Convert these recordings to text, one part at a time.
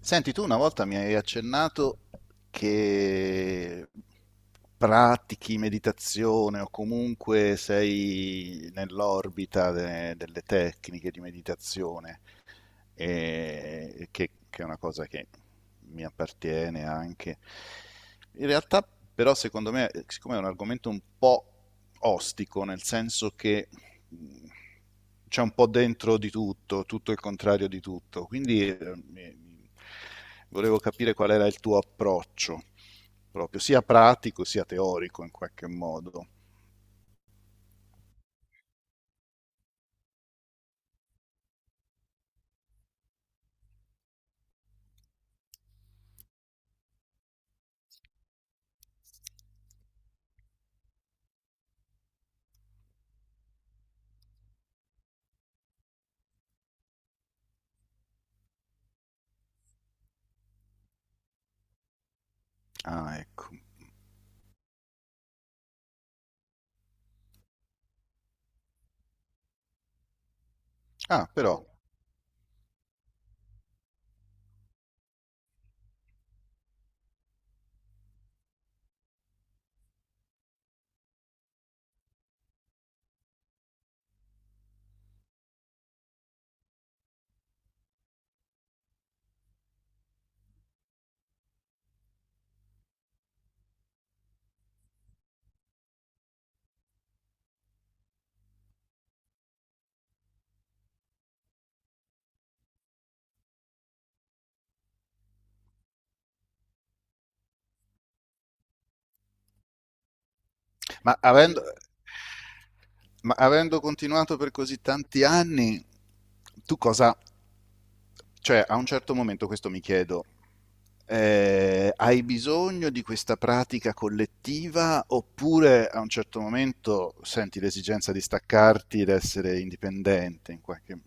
Senti, tu una volta mi hai accennato che pratichi meditazione o comunque sei nell'orbita delle tecniche di meditazione e che è una cosa che mi appartiene anche. In realtà, però, secondo me, siccome è un argomento un po' ostico, nel senso che mh, c'è un po' dentro di tutto, tutto il contrario di tutto, quindi mi- mi- volevo capire qual era il tuo approccio, proprio sia pratico sia teorico in qualche modo. Ah, ecco. Ah, però. Ma avendo, ma avendo continuato per così tanti anni, tu cosa... Cioè, a un certo momento questo mi chiedo, hai bisogno di questa pratica collettiva oppure a un certo momento senti l'esigenza di staccarti ed essere indipendente in qualche...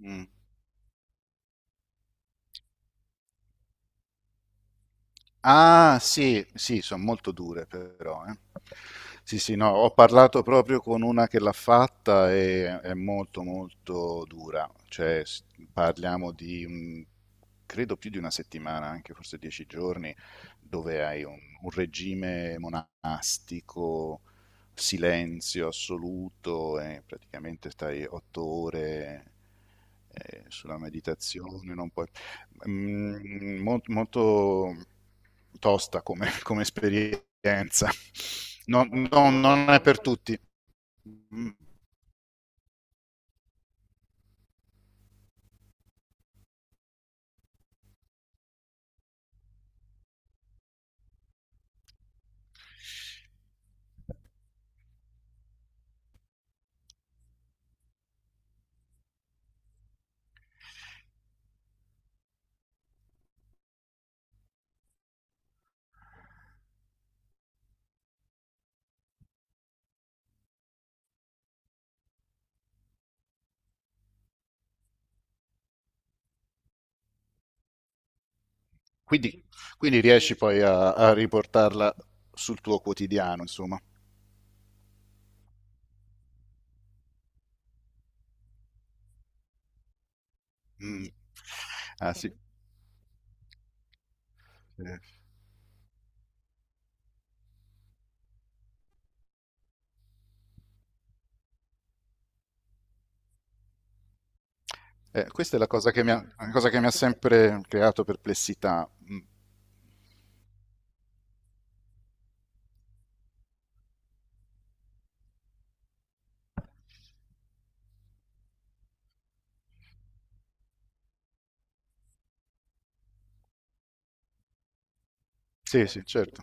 Mm. Ah, sì, sì, sono molto dure però, eh. Sì, sì, no, ho parlato proprio con una che l'ha fatta e è molto molto dura, cioè parliamo di, credo più di una settimana, anche forse 10 giorni, dove hai un regime monastico, silenzio assoluto e praticamente stai 8 ore sulla meditazione, non puoi... molto tosta come come esperienza. Non è per tutti. Mh, quindi quindi riesci poi a riportarla sul tuo quotidiano, insomma. Mh. Ah sì, eh. Questa è la cosa che mi ha sempre creato perplessità. Mh. Sì, sì, certo.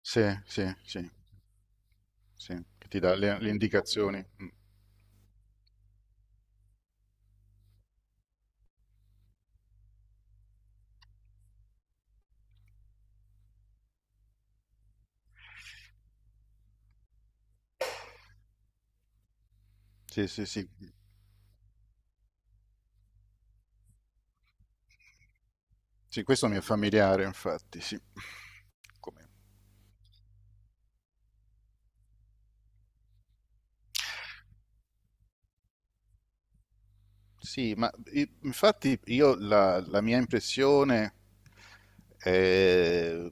Sì, sì, sì, sì, che ti dà le indicazioni. Mh. Sì, sì, sì. Sì, questo mi è familiare infatti, sì. Come... Sì, ma infatti io la mia impressione è,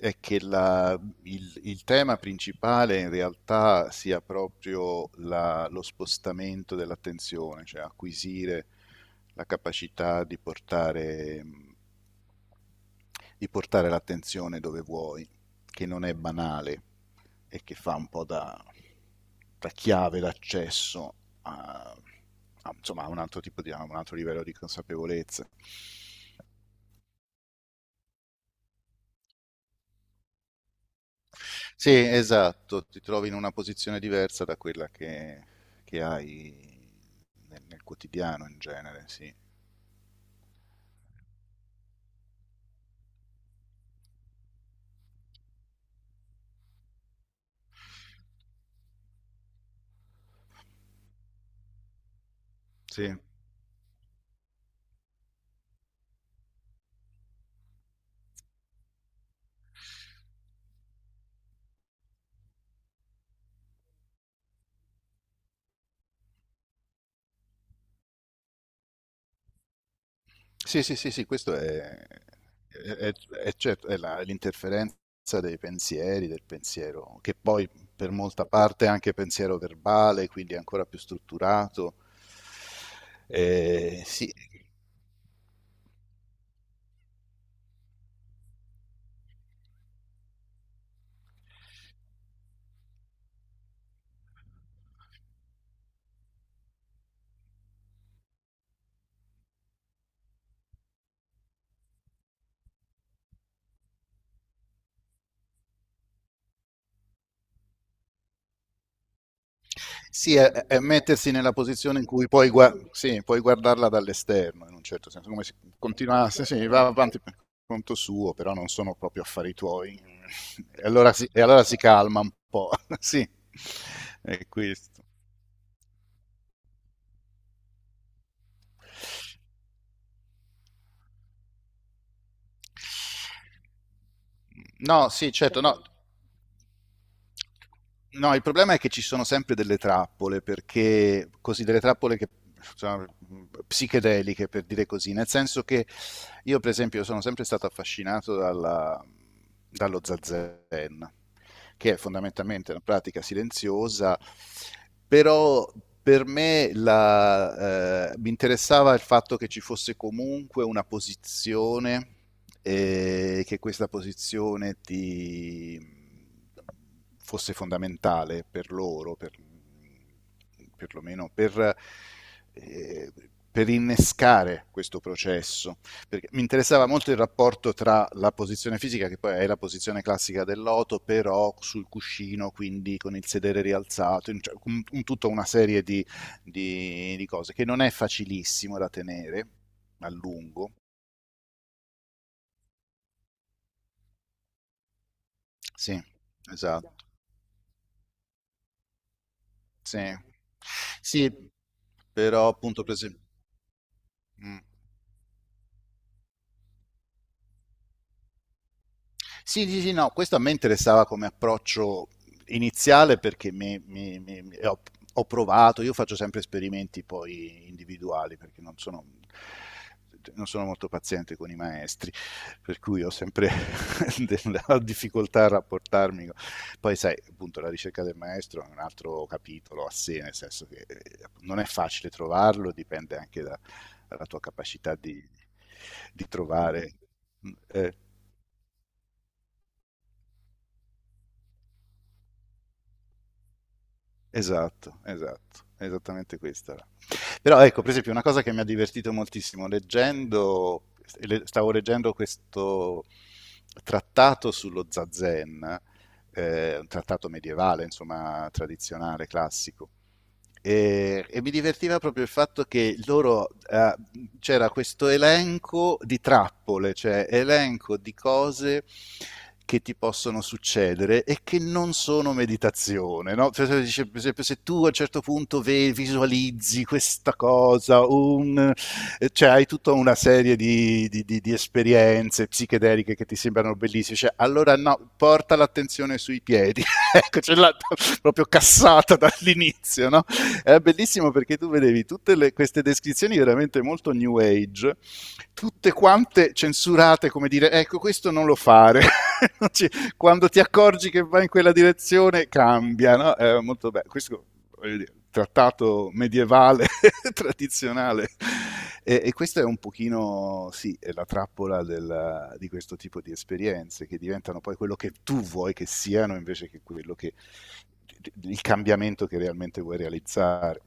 è che il tema principale in realtà sia proprio lo spostamento dell'attenzione, cioè acquisire la capacità di portare l'attenzione dove vuoi, che non è banale e che fa un po' da, chiave d'accesso a, a, insomma, a un altro tipo di, a un altro livello di consapevolezza. Sì, esatto, ti trovi in una posizione diversa da quella che hai nel quotidiano in genere, sì. Sì, sì, sì, sì, sì, questo è- è certo, è è l'interferenza dei pensieri, del pensiero, che poi per molta parte è anche pensiero verbale, quindi è ancora più strutturato. Sì. Sì, è mettersi nella posizione in cui puoi, sì, puoi guardarla dall'esterno, in un certo senso, come se continuasse, sì, sì, va avanti per conto suo, però non sono proprio affari tuoi. E allora si calma un po', sì, è questo. No, sì, certo, no. No, il problema è che ci sono sempre delle trappole, perché così delle trappole che insomma, psichedeliche, per dire così, nel senso che io, per esempio, sono sempre stato affascinato dallo zazen, che è fondamentalmente una pratica silenziosa, però per me mi interessava il fatto che ci fosse comunque una posizione e che questa posizione ti fosse fondamentale per loro, perlomeno eh, per innescare questo processo. Perché mi interessava molto il rapporto tra la posizione fisica, che poi è la posizione classica dell'oto, però sul cuscino, quindi con il sedere rialzato, cioè, tutta una serie di cose che non è facilissimo da tenere a lungo. Sì, esatto. Sì, sì, però appunto, per esempio... Mm. Sì, sì, sì, no, questo a me interessava come approccio iniziale perché ho provato, io faccio sempre esperimenti poi individuali perché non sono molto paziente con i maestri, per cui ho sempre della difficoltà a rapportarmi Poi sai, appunto, la ricerca del maestro è un altro capitolo a sé, nel senso che non è facile trovarlo, dipende anche dalla tua capacità di trovare. Eh, Esatto, esatto, esattamente questa era. Però ecco, per esempio, una cosa che mi ha divertito moltissimo leggendo, stavo leggendo questo trattato sullo zazen, un trattato medievale, insomma, tradizionale, classico, e mi divertiva proprio il fatto che loro c'era questo elenco di trappole, cioè elenco di cose che ti possono succedere e che non sono meditazione, no? Per esempio, se tu a un certo punto visualizzi questa cosa, cioè hai tutta una serie di esperienze psichedeliche che ti sembrano bellissime, cioè, allora no, porta l'attenzione sui piedi, ecco, ce l'ha proprio cassata dall'inizio, no? Era bellissimo perché tu vedevi tutte queste descrizioni veramente molto new age, tutte quante censurate, come dire, ecco questo non lo fare. Non ci- Quando ti accorgi che va in quella direzione, cambia, no? È molto bello. Questo, voglio dire, trattato medievale, tradizionale. E questa è un pochino, sì, è la trappola di questo tipo di esperienze che diventano poi quello che tu vuoi che siano invece che quello che il cambiamento che realmente vuoi realizzare.